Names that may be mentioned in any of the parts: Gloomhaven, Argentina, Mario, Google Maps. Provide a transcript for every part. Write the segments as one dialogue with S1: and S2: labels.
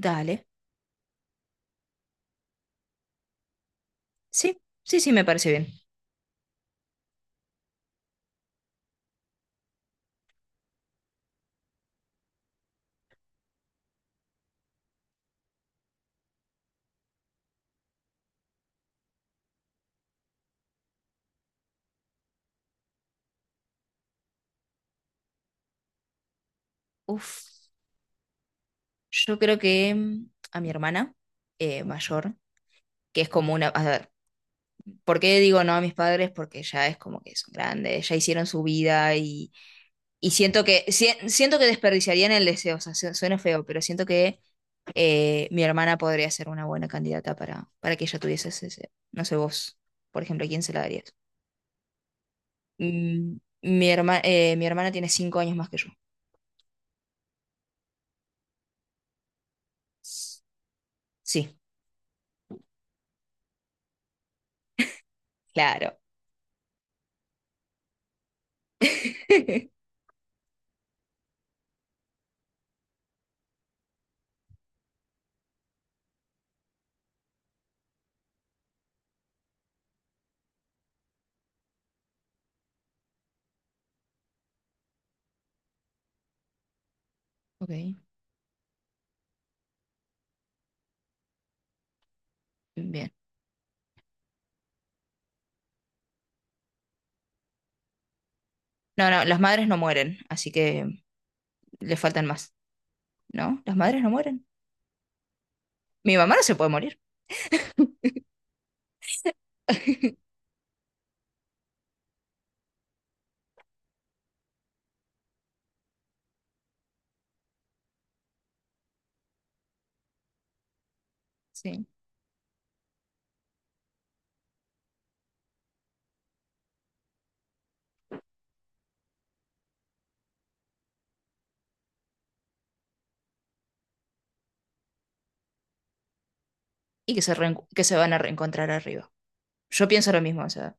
S1: Dale. Sí, sí, sí, me parece bien. Uf, yo creo que a mi hermana mayor, que es como una... A ver, ¿por qué digo no a mis padres? Porque ya es como que son grandes, ya hicieron su vida y siento que, siento que desperdiciarían el deseo, o sea, suena feo, pero siento que mi hermana podría ser una buena candidata para que ella tuviese ese deseo. No sé vos, por ejemplo, ¿a quién se la darías? Mm, mi hermana tiene 5 años más que yo. Sí, claro. Ok, bien. No, no, las madres no mueren, así que le faltan más. ¿No? ¿Las madres no mueren? Mi mamá no se puede morir. Sí. Y que se, que se van a reencontrar arriba. Yo pienso lo mismo, o sea,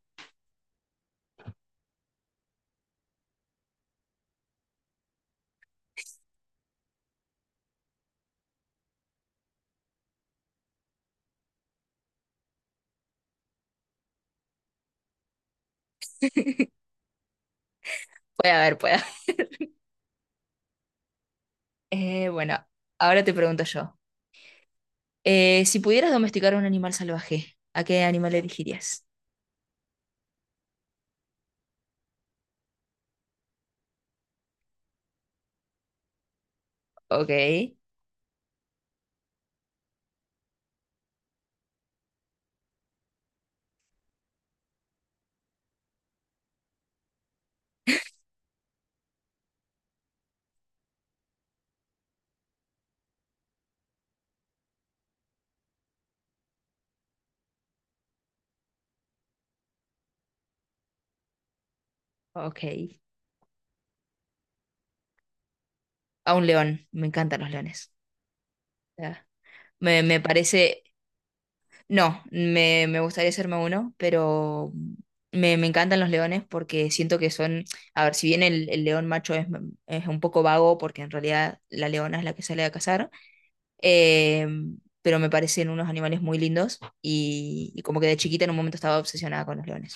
S1: puede haber, puede haber. Bueno, ahora te pregunto yo. Si pudieras domesticar a un animal salvaje, ¿a qué animal elegirías? Ok, ok. A un león, me encantan los leones. O sea, me parece. No, me gustaría hacerme uno, pero me encantan los leones porque siento que son, a ver, si bien el león macho es un poco vago porque en realidad la leona es la que sale a cazar, eh, pero me parecen unos animales muy lindos y como que de chiquita en un momento estaba obsesionada con los leones.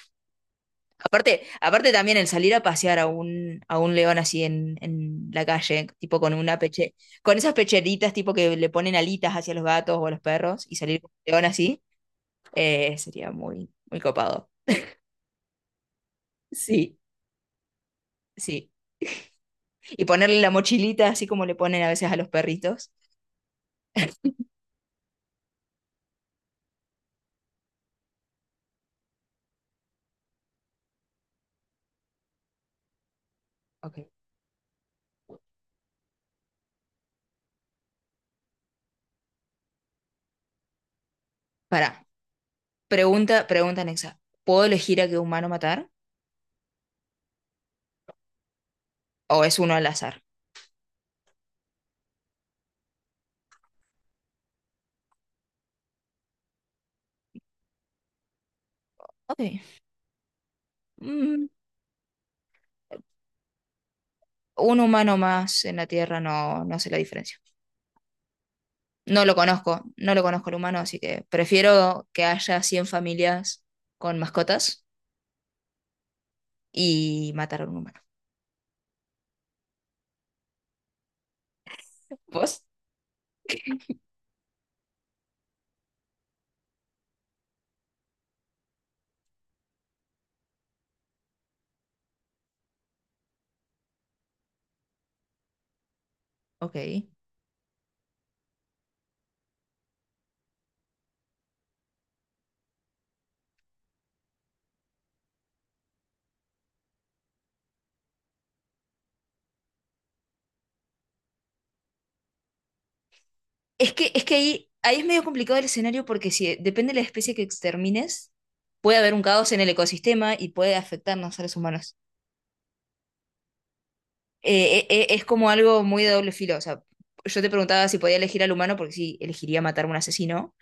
S1: Aparte, aparte también el salir a pasear a a un león así en la calle, tipo con una peche, con esas pecheritas tipo que le ponen alitas hacia los gatos o a los perros y salir con un león así. Sería muy, muy copado. Sí. Sí. Y ponerle la mochilita así como le ponen a veces a los perritos. Ok. Pará. Pregunta, pregunta anexa. ¿Puedo elegir a qué humano matar? ¿O es uno al azar? Ok. Mm, un humano más en la Tierra no, no sé la diferencia. No lo conozco, no lo conozco el humano, así que prefiero que haya 100 familias con mascotas y matar a un humano. ¿Vos? Ok. Es que ahí, ahí es medio complicado el escenario porque si depende de la especie que extermines, puede haber un caos en el ecosistema y puede afectarnos a los seres humanos. Es como algo muy de doble filo. O sea, yo te preguntaba si podía elegir al humano porque sí, elegiría matar a un asesino.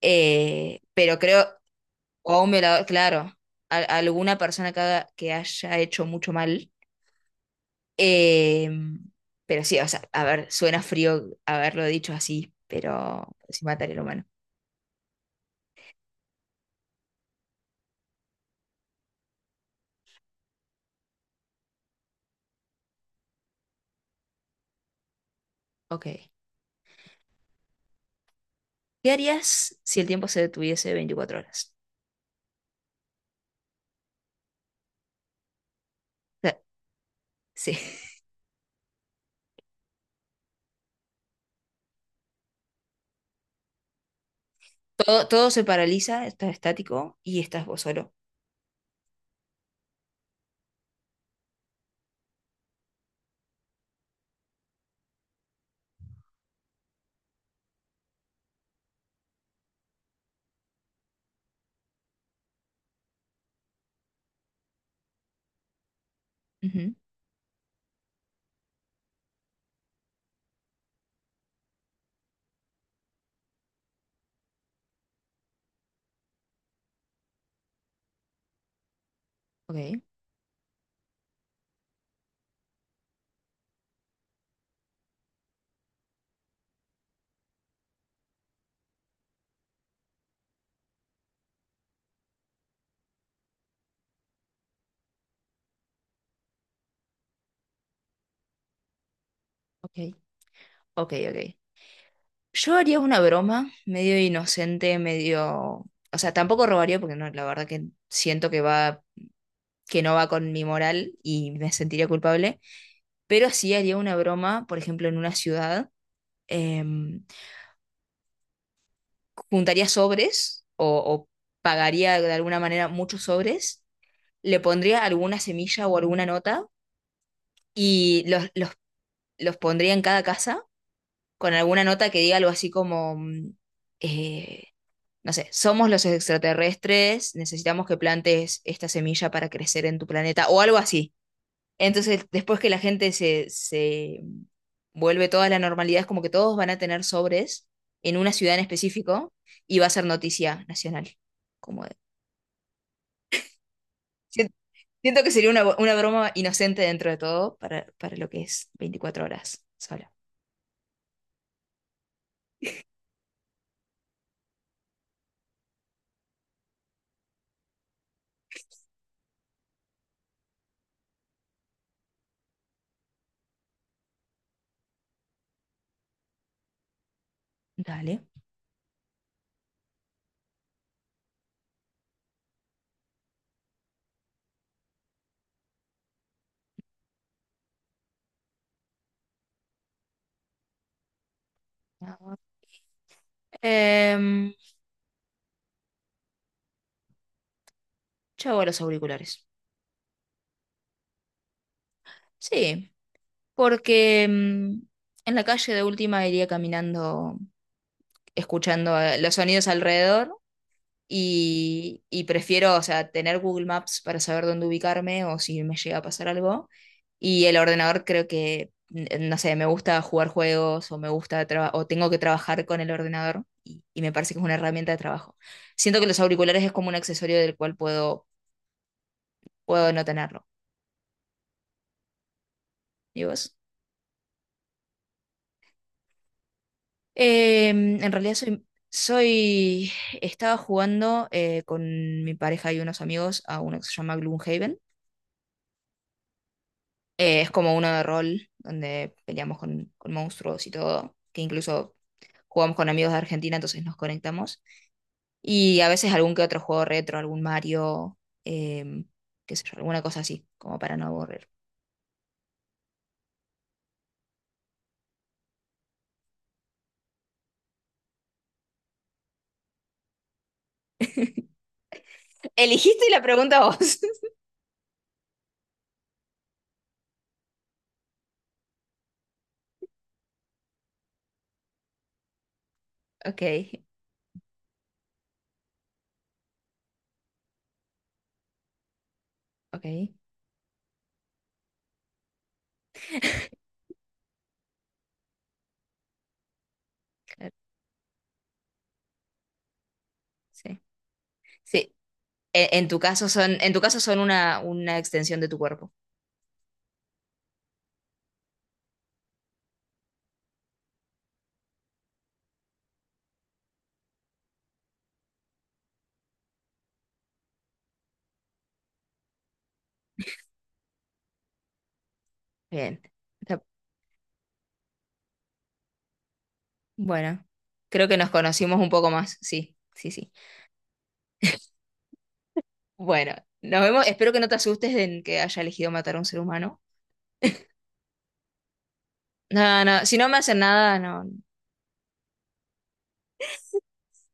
S1: Pero creo, o a un violador, claro, a alguna persona que, que haya hecho mucho mal. Eh, pero sí, o sea, a ver, suena frío haberlo dicho así, pero sí mataría al humano. Ok. ¿Qué harías si el tiempo se detuviese 24 horas? O sea, sí. Todo, todo se paraliza, estás estático y estás vos solo. Ujú. Ok, ok, ok, ok. Yo haría una broma medio inocente, medio... O sea, tampoco robaría porque no, la verdad que siento que va, que no va con mi moral y me sentiría culpable. Pero sí haría una broma, por ejemplo, en una ciudad. em, juntaría sobres o pagaría de alguna manera muchos sobres, le pondría alguna semilla o alguna nota y los pondría en cada casa con alguna nota que diga algo así como, eh, no sé, somos los extraterrestres, necesitamos que plantes esta semilla para crecer en tu planeta o algo así. Entonces, después que la gente se, se vuelve toda la normalidad, es como que todos van a tener sobres en una ciudad en específico y va a ser noticia nacional, como de... Sien- Siento que sería una, una broma inocente dentro de todo para lo que es 24 horas sola. Dale. Eh, yo hago los auriculares. Sí, porque en la calle de última iría caminando, escuchando los sonidos alrededor y prefiero, o sea, tener Google Maps para saber dónde ubicarme o si me llega a pasar algo. Y el ordenador creo que, no sé, me gusta jugar juegos o me gusta o tengo que trabajar con el ordenador y me parece que es una herramienta de trabajo. Siento que los auriculares es como un accesorio del cual puedo, puedo no tenerlo. ¿Y vos? En realidad estaba jugando con mi pareja y unos amigos a uno que se llama Gloomhaven. Es como uno de rol, donde peleamos con monstruos y todo, que incluso jugamos con amigos de Argentina, entonces nos conectamos. Y a veces algún que otro juego retro, algún Mario, em, qué sé yo, alguna cosa así, como para no aburrir. Eligiste la pregunta vos. Ok, ok, claro, sí. Sí, tu caso son, en tu caso son una extensión de tu cuerpo. Bien. Está- Bueno, creo que nos conocimos un poco más, sí, sí, sí. Bueno, nos vemos. Espero que no te asustes de que haya elegido matar a un ser humano. No, no, si no me hacen nada, no.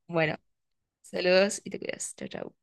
S1: Bueno, saludos y te cuidas. Chao, chao.